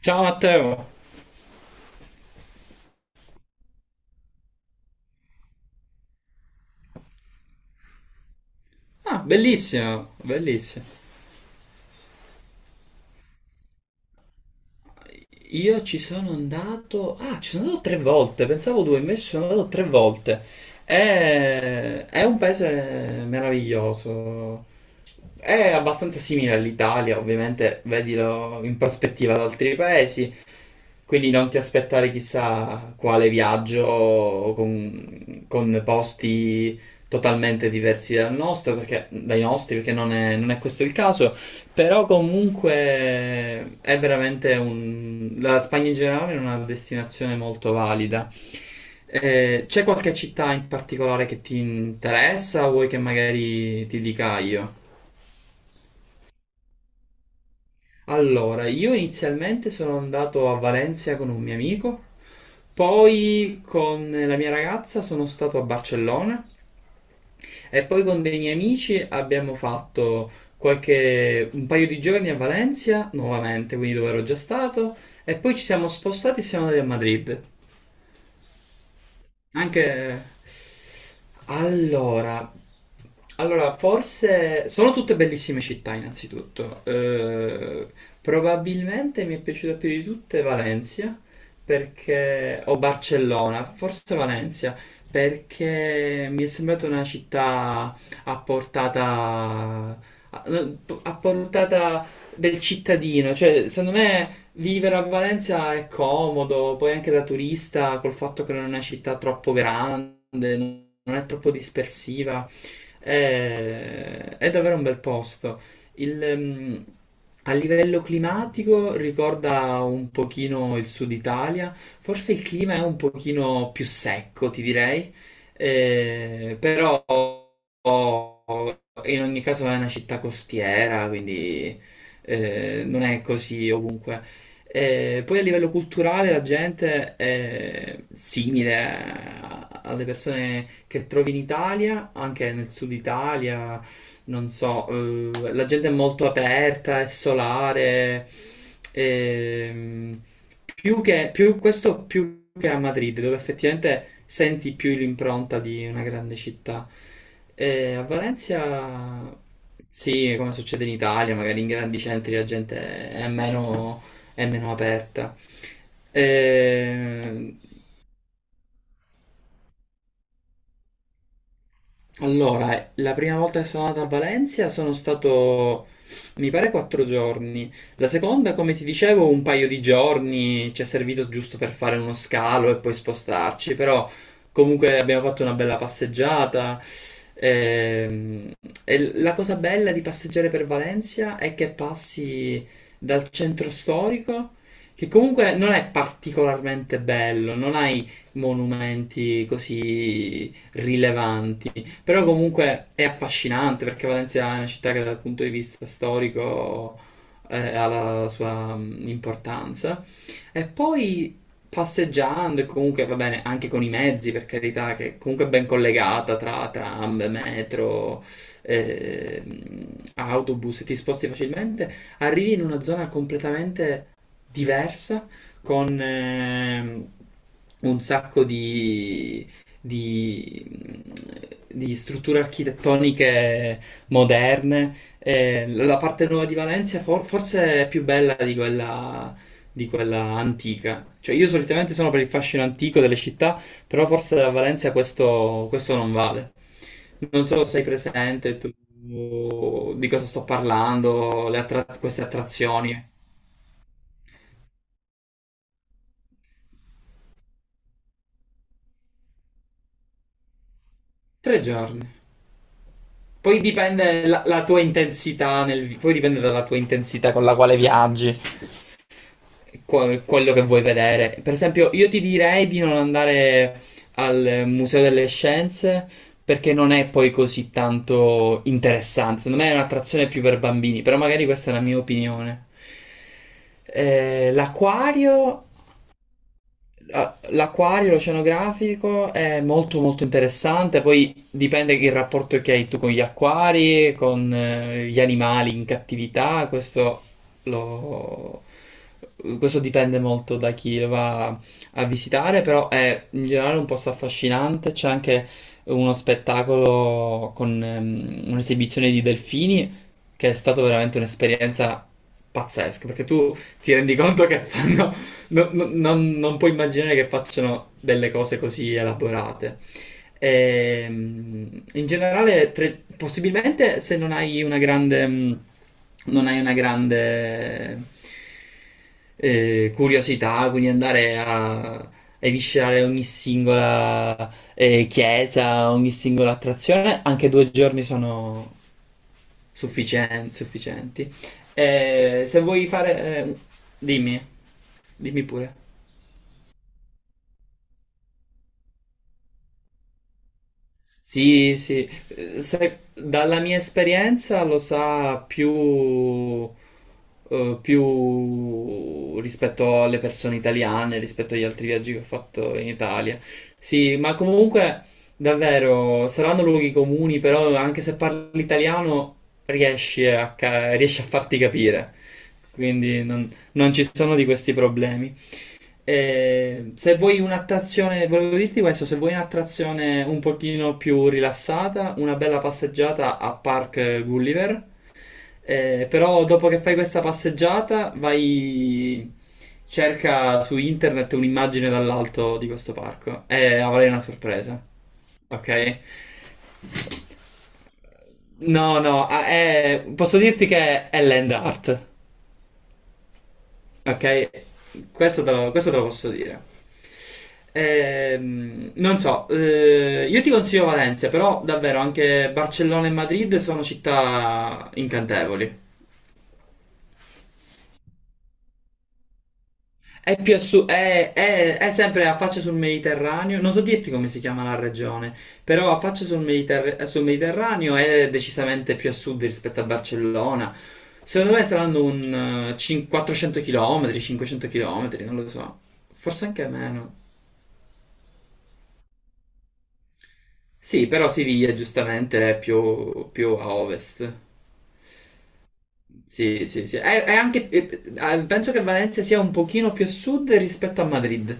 Ciao Matteo. Ah, bellissimo, bellissimo. Io ci sono andato... Ah, ci sono andato tre volte, pensavo due, invece ci sono andato tre volte. È un paese meraviglioso. È abbastanza simile all'Italia, ovviamente, vedilo in prospettiva ad altri paesi. Quindi non ti aspettare chissà quale viaggio con posti totalmente diversi dal nostro, perché, dai nostri, perché non è questo il caso. Però comunque è veramente un... La Spagna in generale è una destinazione molto valida. C'è qualche città in particolare che ti interessa o vuoi che magari ti dica io? Allora, io inizialmente sono andato a Valencia con un mio amico, poi con la mia ragazza sono stato a Barcellona e poi con dei miei amici abbiamo fatto qualche, un paio di giorni a Valencia nuovamente, quindi dove ero già stato, e poi ci siamo spostati e siamo andati a Madrid. Anche... Allora, allora, forse sono tutte bellissime città innanzitutto. Probabilmente mi è piaciuta più di tutte Valencia perché... o Barcellona, forse Valencia, perché mi è sembrata una città a portata, a a portata del cittadino. Cioè, secondo me vivere a Valencia è comodo, poi anche da turista, col fatto che non è una città troppo grande, non è troppo dispersiva, è davvero un bel posto. Il, a livello climatico ricorda un pochino il sud Italia, forse il clima è un pochino più secco, ti direi, però in ogni caso è una città costiera, quindi non è così ovunque. Poi a livello culturale la gente è simile alle persone che trovi in Italia, anche nel sud Italia, non so, la gente è molto aperta, è solare, ehm, più che, più, questo più che a Madrid, dove effettivamente senti più l'impronta di una grande città. A Valencia, sì, come succede in Italia, magari in grandi centri la gente è meno aperta. E allora, la prima volta che sono andato a Valencia sono stato, mi pare, quattro giorni. La seconda, come ti dicevo, un paio di giorni ci è servito giusto per fare uno scalo e poi spostarci, però comunque abbiamo fatto una bella passeggiata. Ehm, E, la cosa bella di passeggiare per Valencia è che passi dal centro storico, che comunque non è particolarmente bello, non hai monumenti così rilevanti. Però comunque è affascinante perché Valencia è una città che dal punto di vista storico ha la sua importanza. E poi passeggiando e comunque va bene anche con i mezzi, per carità, che comunque è ben collegata tra tram, metro, ehm, autobus e ti sposti facilmente, arrivi in una zona completamente diversa con un sacco di di, di strutture architettoniche moderne. La parte nuova di Valencia forse è più bella di quella antica. Cioè, io solitamente sono per il fascino antico delle città, però forse a Valencia questo non vale. Non so se sei presente tu di cosa sto parlando, le queste attrazioni. Tre giorni. Poi dipende la, la tua intensità nel, poi dipende dalla tua intensità con la quale viaggi. Quello che vuoi vedere. Per esempio, io ti direi di non andare al Museo delle Scienze perché non è poi così tanto interessante. Secondo me è un'attrazione più per bambini, però magari questa è la mia opinione. L'acquario Ah, l'acquario, l'oceanografico è molto molto interessante, poi dipende il rapporto che hai tu con gli acquari, con gli animali in cattività, lo- questo dipende molto da chi lo va a visitare, però è in generale un posto affascinante, c'è anche uno spettacolo con un'esibizione di delfini che è stata veramente un'esperienza pazzesca, perché tu ti rendi conto che fanno non puoi immaginare che facciano delle cose così elaborate. In generale, possibilmente se non hai una grande, non hai una grande curiosità, quindi andare a eviscerare ogni singola chiesa, ogni singola attrazione, anche due giorni sono sufficienti. Se vuoi fare... eh, dimmi, dimmi pure. Sì, sì, dalla mia esperienza lo sa più, più rispetto alle persone italiane, rispetto agli altri viaggi che ho fatto in Italia. Sì, ma comunque davvero saranno luoghi comuni, però anche se parli italiano riesci a, riesci a farti capire, quindi non ci sono di questi problemi. Se vuoi un'attrazione, volevo dirti questo, se vuoi un'attrazione un pochino più rilassata, una bella passeggiata a Park Gulliver, però dopo che fai questa passeggiata vai, cerca su internet un'immagine dall'alto di questo parco e avrai una sorpresa, ok? No, no, ah, posso dirti che è land art. Ok, questo te lo posso dire. Non so, io ti consiglio Valencia, però davvero anche Barcellona e Madrid sono città incantevoli. È più a su- è sempre a faccia sul Mediterraneo, non so dirti come si chiama la regione, però a faccia sul Mediterraneo è decisamente più a sud rispetto a Barcellona. Secondo me saranno un 400 km, 500 km, non lo so, forse anche meno. Sì, però Siviglia giustamente è più, più a ovest. Sì, sì, sì. Penso che Valencia sia un pochino più a sud rispetto a Madrid.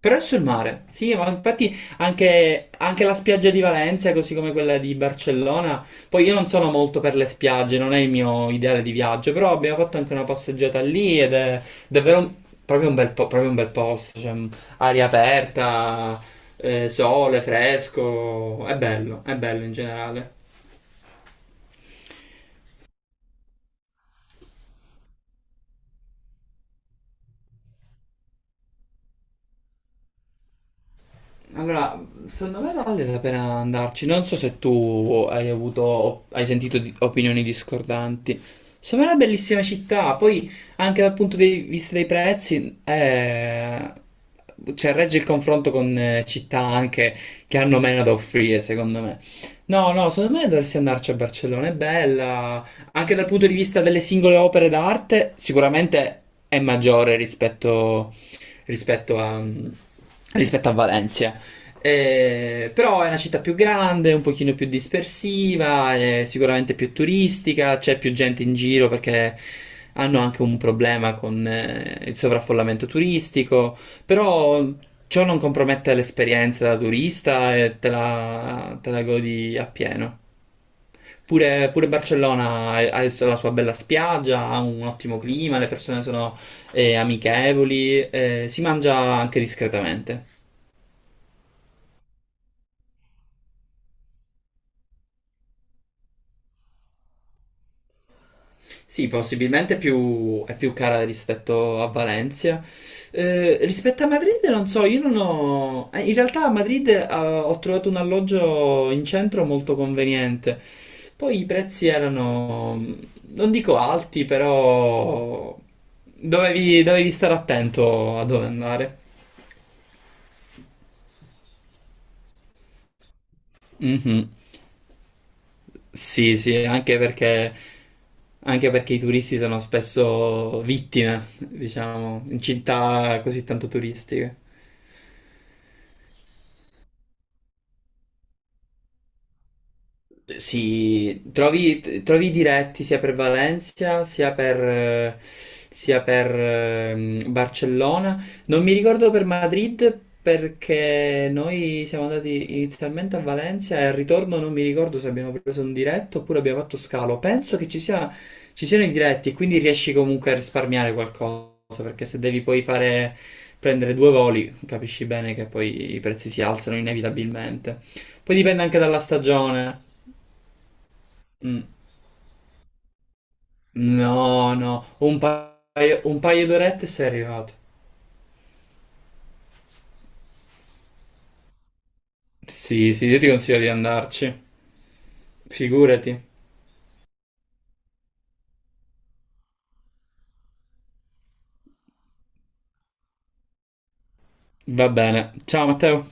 Però è sul mare, sì, ma infatti anche, anche la spiaggia di Valencia, così come quella di Barcellona, poi io non sono molto per le spiagge, non è il mio ideale di viaggio, però abbiamo fatto anche una passeggiata lì ed è davvero proprio un proprio un bel posto, cioè aria aperta, sole fresco, è bello in generale. Allora, secondo me vale la pena andarci. Non so se tu hai avuto, hai sentito opinioni discordanti. Secondo me è una bellissima città. Poi, anche dal punto di vista dei prezzi, cioè, regge il confronto con città anche che hanno meno da offrire, secondo me. No, no, secondo me dovresti andarci a Barcellona. È bella. Anche dal punto di vista delle singole opere d'arte, sicuramente è maggiore rispetto a, rispetto a Valencia. Però è una città più grande, un pochino più dispersiva, è sicuramente più turistica, c'è più gente in giro perché hanno anche un problema con il sovraffollamento turistico, però ciò non compromette l'esperienza da turista e te la godi appieno. Pure, pure Barcellona ha la sua bella spiaggia, ha un ottimo clima, le persone sono amichevoli, si mangia anche discretamente. Sì, possibilmente più è più cara rispetto a Valencia. Rispetto a Madrid, non so, io non ho... in realtà a Madrid, ho trovato un alloggio in centro molto conveniente. Poi i prezzi erano, non dico alti, però dovevi stare attento a dove andare. Mhm. Sì, sì, anche perché i turisti sono spesso vittime, diciamo, in città così tanto turistiche. Sì, trovi i diretti sia per Valencia sia per, Barcellona. Non mi ricordo per Madrid perché noi siamo andati inizialmente a Valencia e al ritorno non mi ricordo se abbiamo preso un diretto oppure abbiamo fatto scalo. Penso che ci siano i diretti e quindi riesci comunque a risparmiare qualcosa perché se devi poi fare, prendere due voli capisci bene che poi i prezzi si alzano inevitabilmente. Poi dipende anche dalla stagione. Mm. No, no, un paio d'orette sei arrivato. Sì, sì, io ti consiglio di andarci. Figurati. Va bene. Ciao Matteo.